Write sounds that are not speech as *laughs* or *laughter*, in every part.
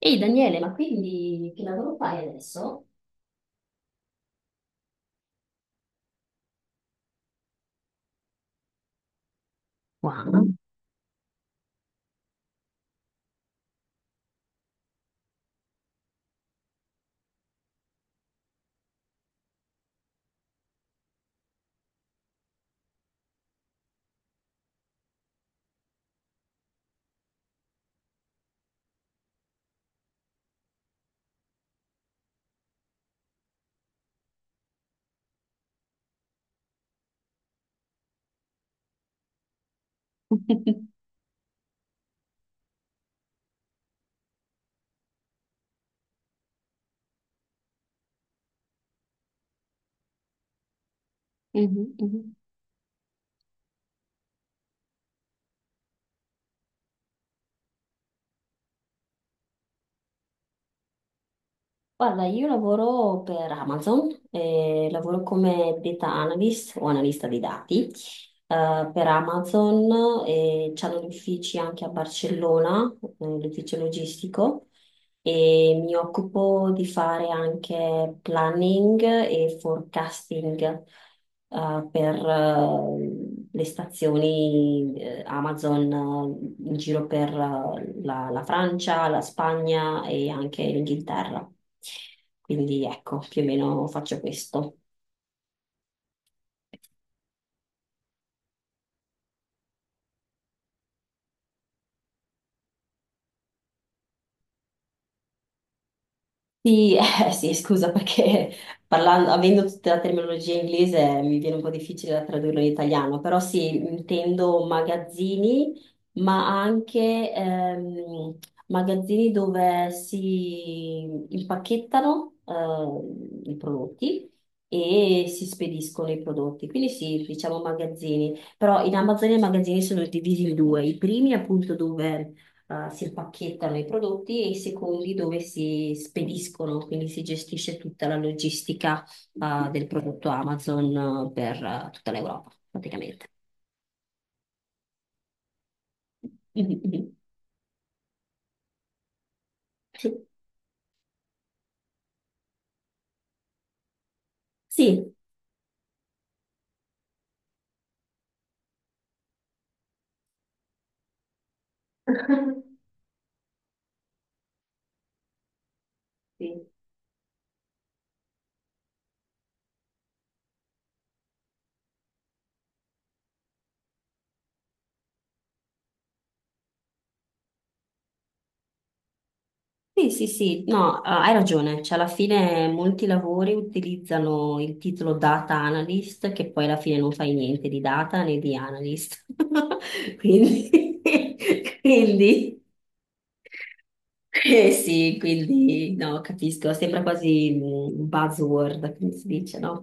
Ehi Daniele, ma quindi che lavoro fai adesso? Wow. *laughs* Mhm, mhm. Guarda, io lavoro per Amazon, lavoro come data analyst o analista dei dati, per Amazon e c'hanno gli uffici anche a Barcellona, l'ufficio logistico. E mi occupo di fare anche planning e forecasting, per le stazioni, Amazon, in giro per la Francia, la Spagna e anche l'Inghilterra. Quindi ecco, più o meno faccio questo. Sì, sì, scusa perché parlando, avendo tutta la terminologia inglese mi viene un po' difficile da tradurlo in italiano, però sì, intendo magazzini, ma anche magazzini dove si impacchettano, i prodotti e si spediscono i prodotti. Quindi sì, diciamo magazzini, però in Amazon i magazzini sono divisi in due, i primi appunto dove si impacchettano i prodotti e i secondi dove si spediscono, quindi si gestisce tutta la logistica, del prodotto Amazon, per, tutta l'Europa, praticamente. Mhm. Sì. Sì. *laughs* Sì. Sì, sì, sì, no, hai ragione, cioè alla fine molti lavori utilizzano il titolo data analyst, che poi alla fine non fai niente di data né di analyst. *laughs* Quindi, *laughs* quindi eh sì, quindi no, capisco, sembra quasi mm, un buzzword, come si dice, no?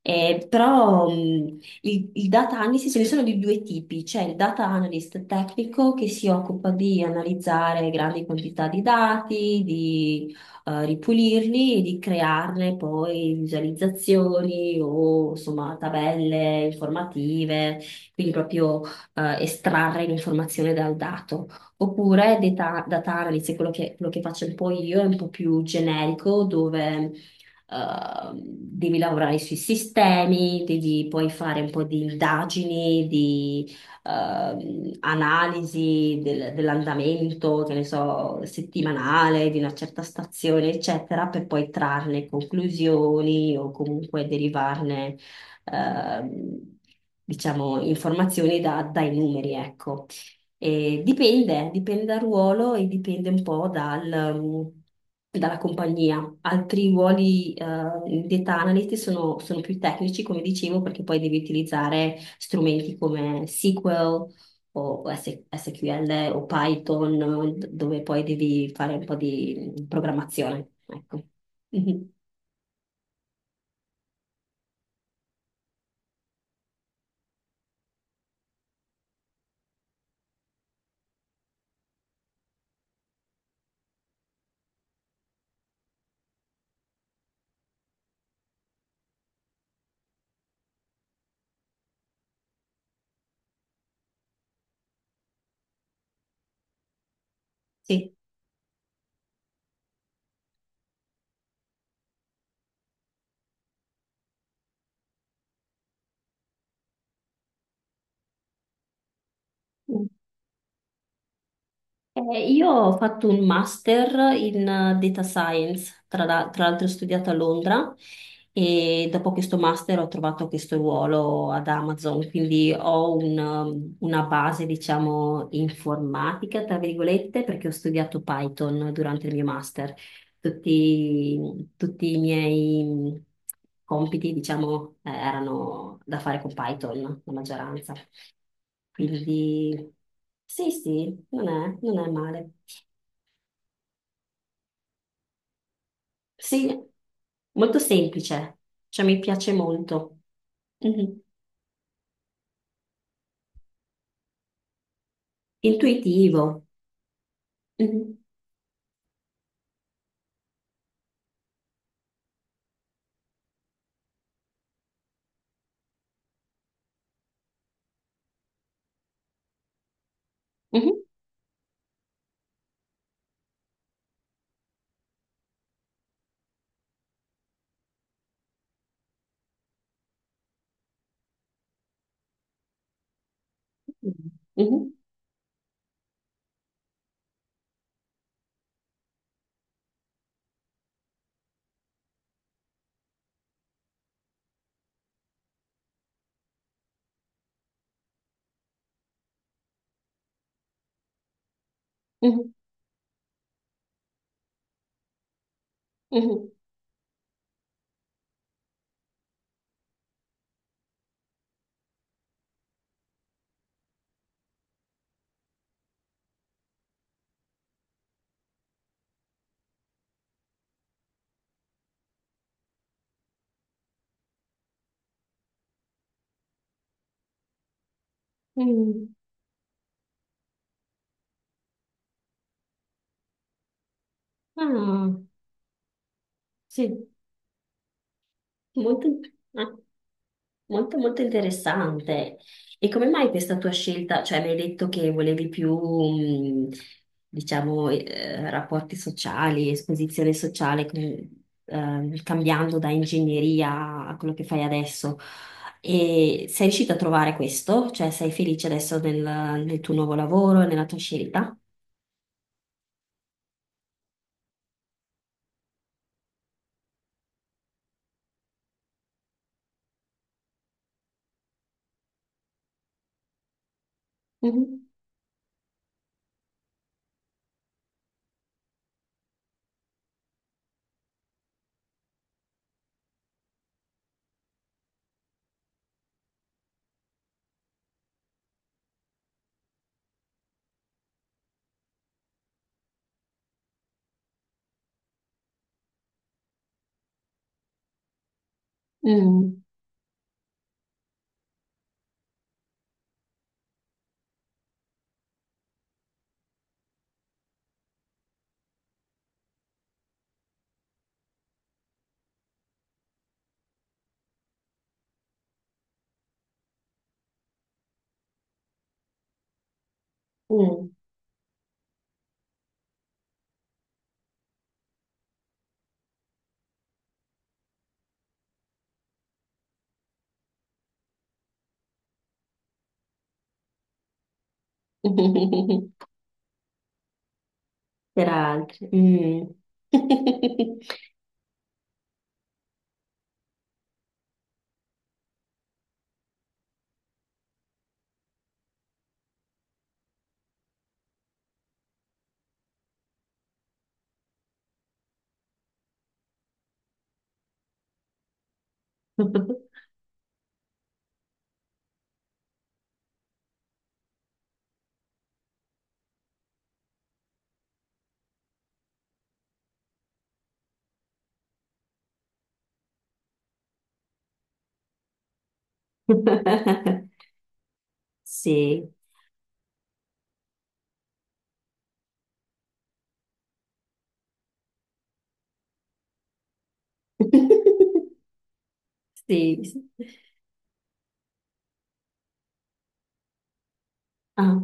Però il data analysis ce ne sono di due tipi, c'è il data analyst tecnico che si occupa di analizzare grandi quantità di dati, di ripulirli e di crearne poi visualizzazioni o insomma tabelle informative, quindi proprio estrarre l'informazione dal dato. Oppure data analysis, quello che faccio un po' io, è un po' più generico, dove devi lavorare sui sistemi, devi poi fare un po' di indagini, di dell'andamento, che ne so, settimanale di una certa stazione, eccetera, per poi trarne conclusioni o comunque derivarne, ehm, diciamo, informazioni dai numeri, ecco. E dipende, dipende dal ruolo e dipende un po' um, dalla compagnia. Altri ruoli, di data analyst sono, sono più tecnici, come dicevo, perché poi devi utilizzare strumenti come SQL o SQL o Python, dove poi devi fare un po' di programmazione. Ecco. Mhm. Sì. Io ho fatto un master in, data science, tra l'altro ho studiato a Londra e dopo questo master ho trovato questo ruolo ad Amazon, quindi ho un, una base, diciamo, informatica, tra virgolette, perché ho studiato Python durante il mio master. Tutti i miei mm, compiti, diciamo, erano da fare con Python, la maggioranza. Quindi sì, sì, non è male. Sì, molto semplice, cioè mi piace molto. Mhm. Intuitivo. Mhm. Mhm. Mhm. Mhm. Mhm. Mhm. Ah, sì, molto intuitivo. Molto molto interessante. E come mai questa tua scelta? Cioè, mi hai detto che volevi più, diciamo, rapporti sociali, esposizione sociale, cambiando da ingegneria a quello che fai adesso. E sei riuscita a trovare questo? Cioè, sei felice adesso nel, nel tuo nuovo lavoro, nella tua scelta? Mhm. Mm. Mm. *laughs* Per altri. Mm. *laughs* Sì. *laughs* Sì. Ah.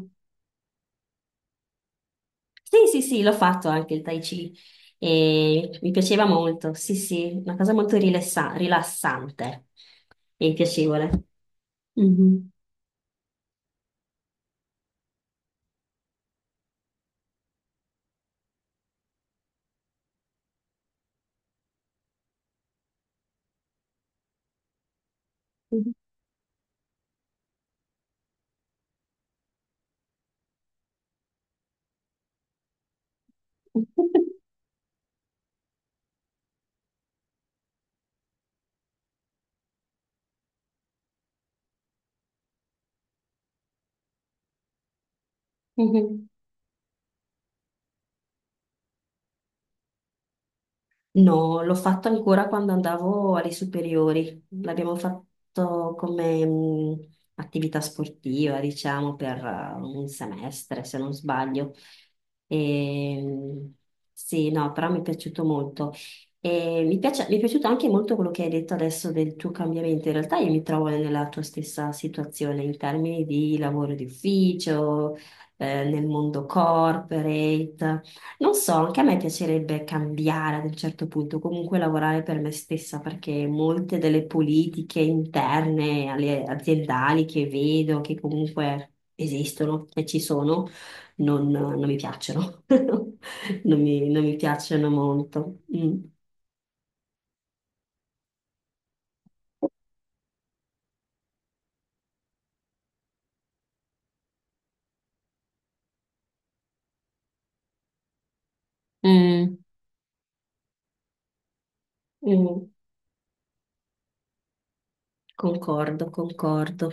Sì, sì, sì, l'ho fatto anche il Tai Chi e mi piaceva molto. Sì, sì, una cosa molto rilassante e piacevole. Mhm. Mhm. *laughs* No, l'ho fatto ancora quando andavo alle superiori. L'abbiamo fatto come attività sportiva, diciamo, per, un semestre, se non sbaglio. E, sì, no, però mi è piaciuto molto. E mi è piaciuto anche molto quello che hai detto adesso del tuo cambiamento. In realtà io mi trovo nella tua stessa situazione in termini di lavoro di ufficio, nel mondo corporate. Non so, anche a me piacerebbe cambiare ad un certo punto, comunque lavorare per me stessa, perché molte delle politiche interne, alle aziendali che vedo, che comunque esistono e ci sono, non mi piacciono. *laughs* Non mi piacciono molto. Mm. Mm. Mm, concordo, concordo.